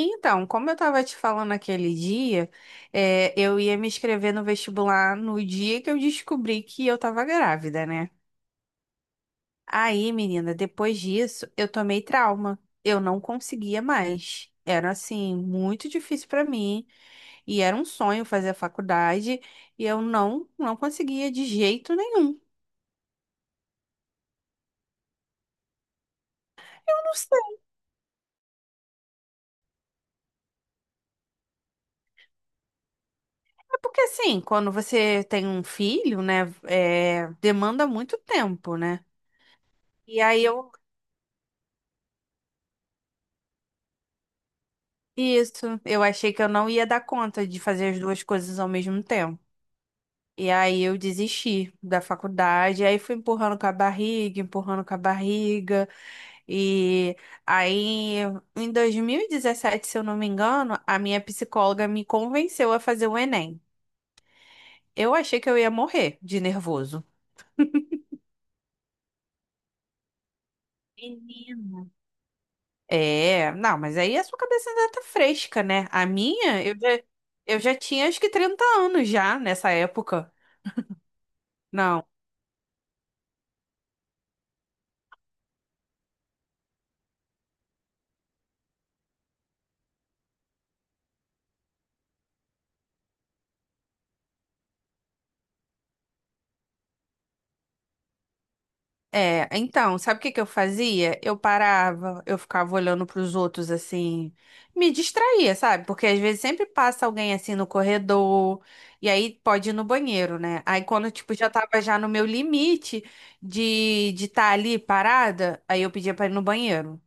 Então, como eu estava te falando aquele dia, eu ia me inscrever no vestibular no dia que eu descobri que eu estava grávida, né? Aí, menina, depois disso, eu tomei trauma. Eu não conseguia mais. Era assim, muito difícil para mim. E era um sonho fazer a faculdade. E eu não conseguia de jeito nenhum. Não sei, porque assim, quando você tem um filho, né, demanda muito tempo, né? E aí eu Isso, eu achei que eu não ia dar conta de fazer as duas coisas ao mesmo tempo. E aí eu desisti da faculdade, aí fui empurrando com a barriga, empurrando com a barriga. E aí, em 2017, se eu não me engano, a minha psicóloga me convenceu a fazer o Enem. Eu achei que eu ia morrer de nervoso. Menino. É, não, mas aí a sua cabeça ainda tá fresca, né? A minha, eu já tinha acho que 30 anos já nessa época. Não. É, então, sabe o que que eu fazia? Eu parava, eu ficava olhando pros outros assim, me distraía, sabe? Porque às vezes sempre passa alguém assim no corredor, e aí pode ir no banheiro, né? Aí quando tipo já tava já no meu limite de estar ali parada, aí eu pedia pra ir no banheiro.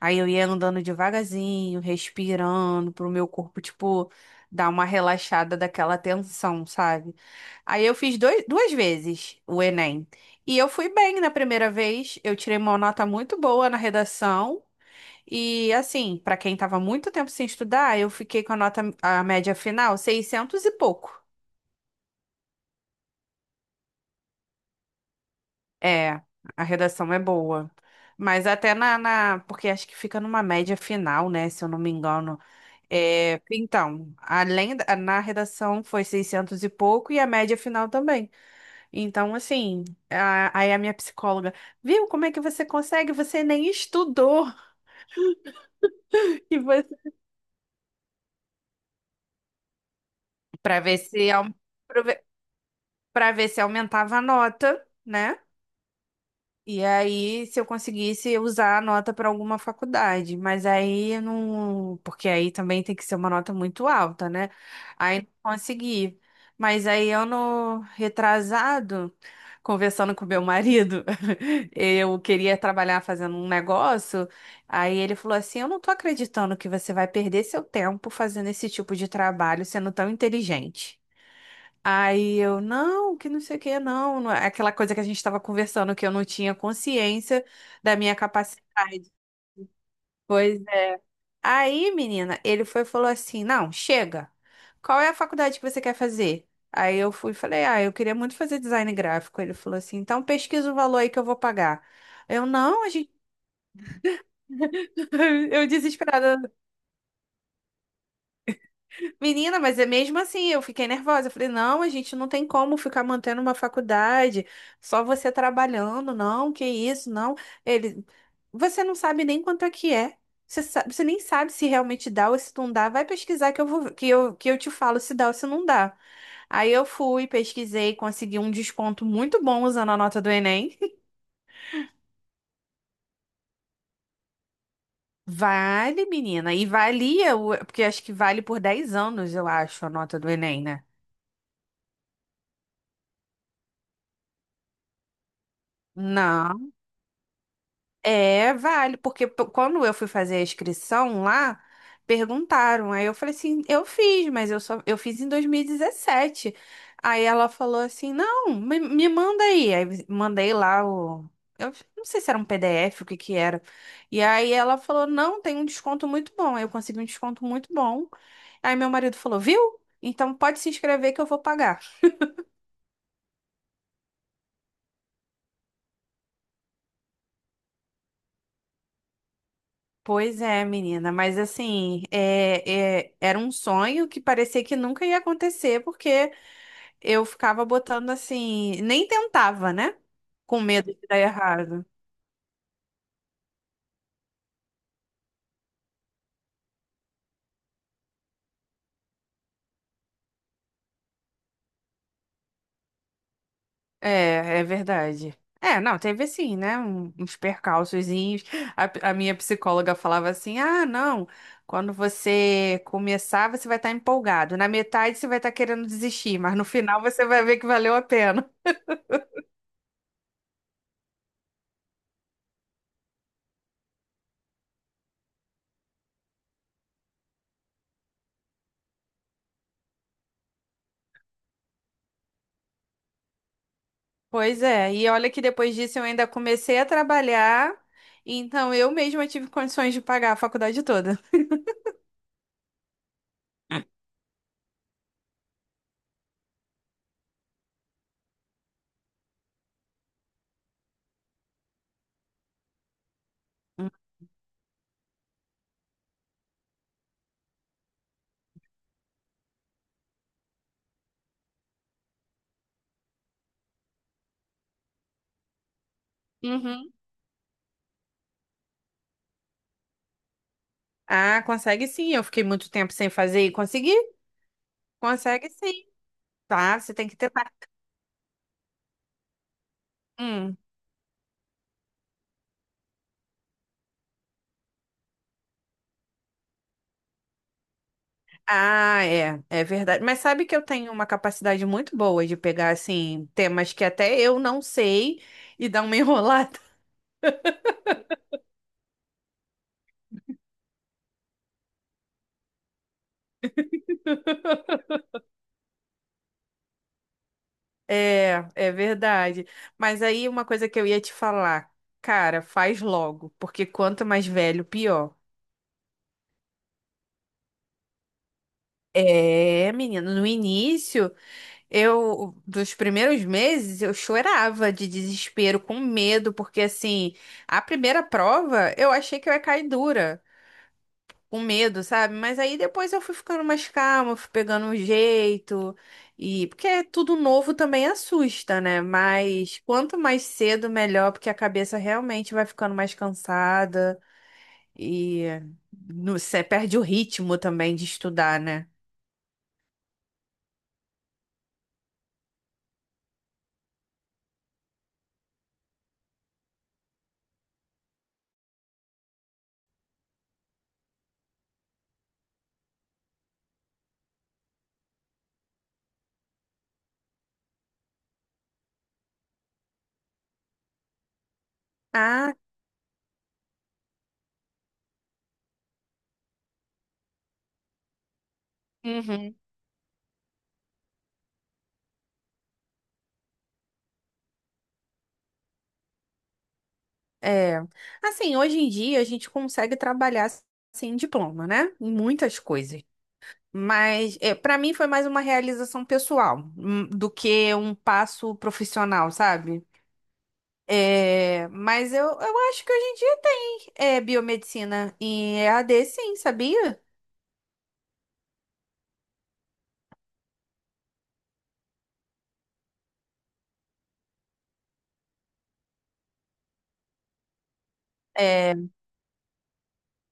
Aí eu ia andando devagarzinho, respirando, pro meu corpo, tipo, dar uma relaxada daquela tensão, sabe? Aí eu fiz duas vezes o Enem. E eu fui bem na primeira vez, eu tirei uma nota muito boa na redação. E assim, pra quem tava muito tempo sem estudar, eu fiquei com a nota, a média final, 600 e pouco. É, a redação é boa. Mas até porque acho que fica numa média final, né? Se eu não me engano. É, então, na redação foi 600 e pouco e a média final também. Então, assim, aí a minha psicóloga, viu como é que você consegue? Você nem estudou. E você... Para ver se, para ver pra ver se aumentava a nota, né? E aí, se eu conseguisse usar a nota para alguma faculdade, mas aí eu não, porque aí também tem que ser uma nota muito alta, né? Aí não consegui. Mas aí ano retrasado, conversando com meu marido, eu queria trabalhar fazendo um negócio, aí ele falou assim: "Eu não tô acreditando que você vai perder seu tempo fazendo esse tipo de trabalho, sendo tão inteligente". Aí eu, não, que não sei o que, não, não é aquela coisa que a gente estava conversando, que eu não tinha consciência da minha capacidade. Pois é. Aí, menina, ele foi e falou assim: não, chega, qual é a faculdade que você quer fazer? Aí eu fui e falei: ah, eu queria muito fazer design gráfico. Ele falou assim: então pesquisa o valor aí que eu vou pagar. Eu, não, a gente, eu desesperada, Menina, mas é mesmo assim, eu fiquei nervosa. Eu falei, não, a gente não tem como ficar mantendo uma faculdade, só você trabalhando, não, que isso, não. Ele, você não sabe nem quanto é que é. Você sabe, você nem sabe se realmente dá ou se não dá. Vai pesquisar que eu vou, que eu te falo se dá ou se não dá. Aí eu fui, pesquisei, consegui um desconto muito bom usando a nota do Enem. Vale, menina, e valia, porque acho que vale por 10 anos, eu acho, a nota do Enem, né? Não. É, vale, porque quando eu fui fazer a inscrição lá, perguntaram. Aí eu falei assim, eu fiz, mas eu só eu fiz em 2017. Aí ela falou assim, não, me manda aí. Aí mandei lá o eu não sei se era um PDF, o que que era. E aí ela falou, não, tem um desconto muito bom. Aí eu consegui um desconto muito bom. Aí meu marido falou, viu? Então pode se inscrever que eu vou pagar. Pois é, menina, mas assim, era um sonho que parecia que nunca ia acontecer, porque eu ficava botando assim, nem tentava, né? Com medo de dar errado. É, é verdade. É, não, teve assim, né? Uns percalçozinhos. A minha psicóloga falava assim: ah, não, quando você começar, você vai estar empolgado. Na metade, você vai estar querendo desistir, mas no final, você vai ver que valeu a pena. Pois é, e olha que depois disso eu ainda comecei a trabalhar, então eu mesma tive condições de pagar a faculdade toda. Uhum. Ah, consegue sim, eu fiquei muito tempo sem fazer e consegui? Consegue sim, tá? Você tem que tentar. Hum. Ah, é, é verdade. Mas sabe que eu tenho uma capacidade muito boa de pegar, assim, temas que até eu não sei e dar uma enrolada. É, é verdade. Mas aí uma coisa que eu ia te falar, cara, faz logo, porque quanto mais velho, pior. É, menina. No início, dos primeiros meses, eu chorava de desespero, com medo, porque assim, a primeira prova eu achei que eu ia cair dura, com medo, sabe? Mas aí depois eu fui ficando mais calma, fui pegando um jeito, e porque é tudo novo também assusta, né? Mas quanto mais cedo, melhor, porque a cabeça realmente vai ficando mais cansada e você perde o ritmo também de estudar, né? Ah, uhum. É, assim, hoje em dia a gente consegue trabalhar sem diploma, né? Em muitas coisas. Mas é, para mim foi mais uma realização pessoal do que um passo profissional, sabe? É, mas eu acho que hoje em dia tem biomedicina em EAD, sim, sabia? É,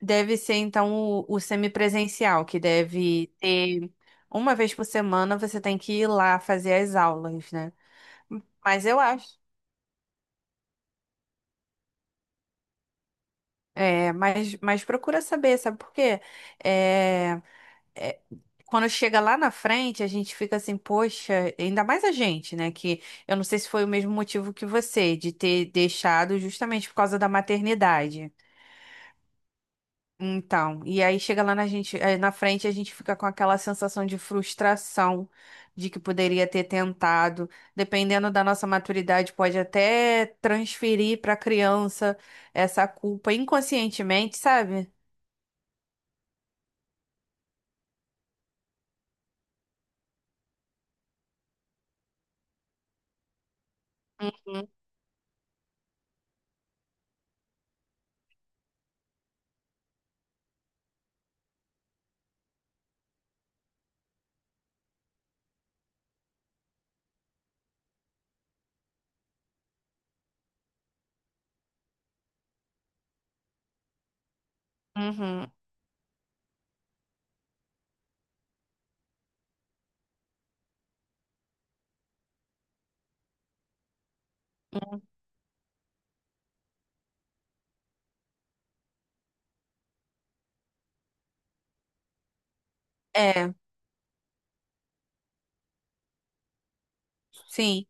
deve ser então o semipresencial, que deve ter uma vez por semana você tem que ir lá fazer as aulas, né? Mas eu acho. É, mas procura saber, sabe por quê? É, é, quando chega lá na frente, a gente fica assim, poxa, ainda mais a gente, né? Que eu não sei se foi o mesmo motivo que você, de ter deixado justamente por causa da maternidade. Então, e aí chega lá na gente, na frente, a gente fica com aquela sensação de frustração de que poderia ter tentado. Dependendo da nossa maturidade, pode até transferir para a criança essa culpa inconscientemente, sabe? Uhum. É, sim.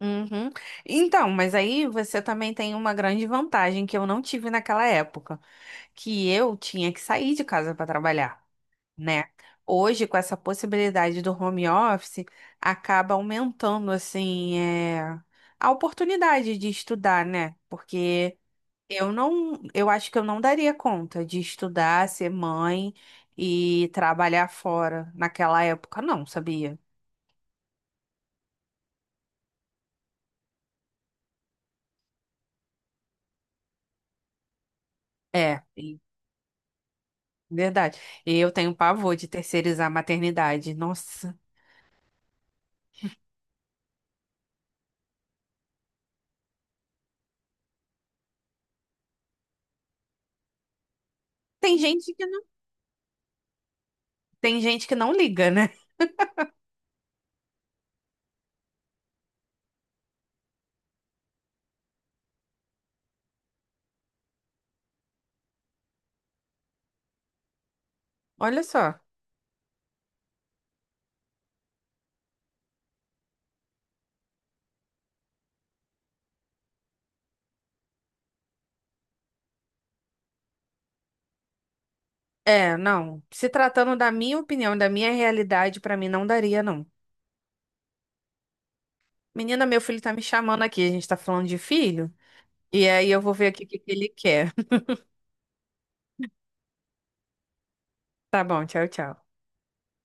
Uhum. Então, mas aí você também tem uma grande vantagem que eu não tive naquela época, que eu tinha que sair de casa para trabalhar, né? Hoje, com essa possibilidade do home office, acaba aumentando, assim, a oportunidade de estudar, né? Porque eu acho que eu não daria conta de estudar, ser mãe e trabalhar fora naquela época, não, sabia? É. Verdade. E eu tenho pavor de terceirizar a maternidade. Nossa. Tem gente que não, tem gente que não liga, né? Olha só. É, não. Se tratando da minha opinião, da minha realidade, pra mim não daria, não. Menina, meu filho tá me chamando aqui. A gente tá falando de filho. E aí eu vou ver aqui o que que ele quer. Tá bom, tchau, tchau.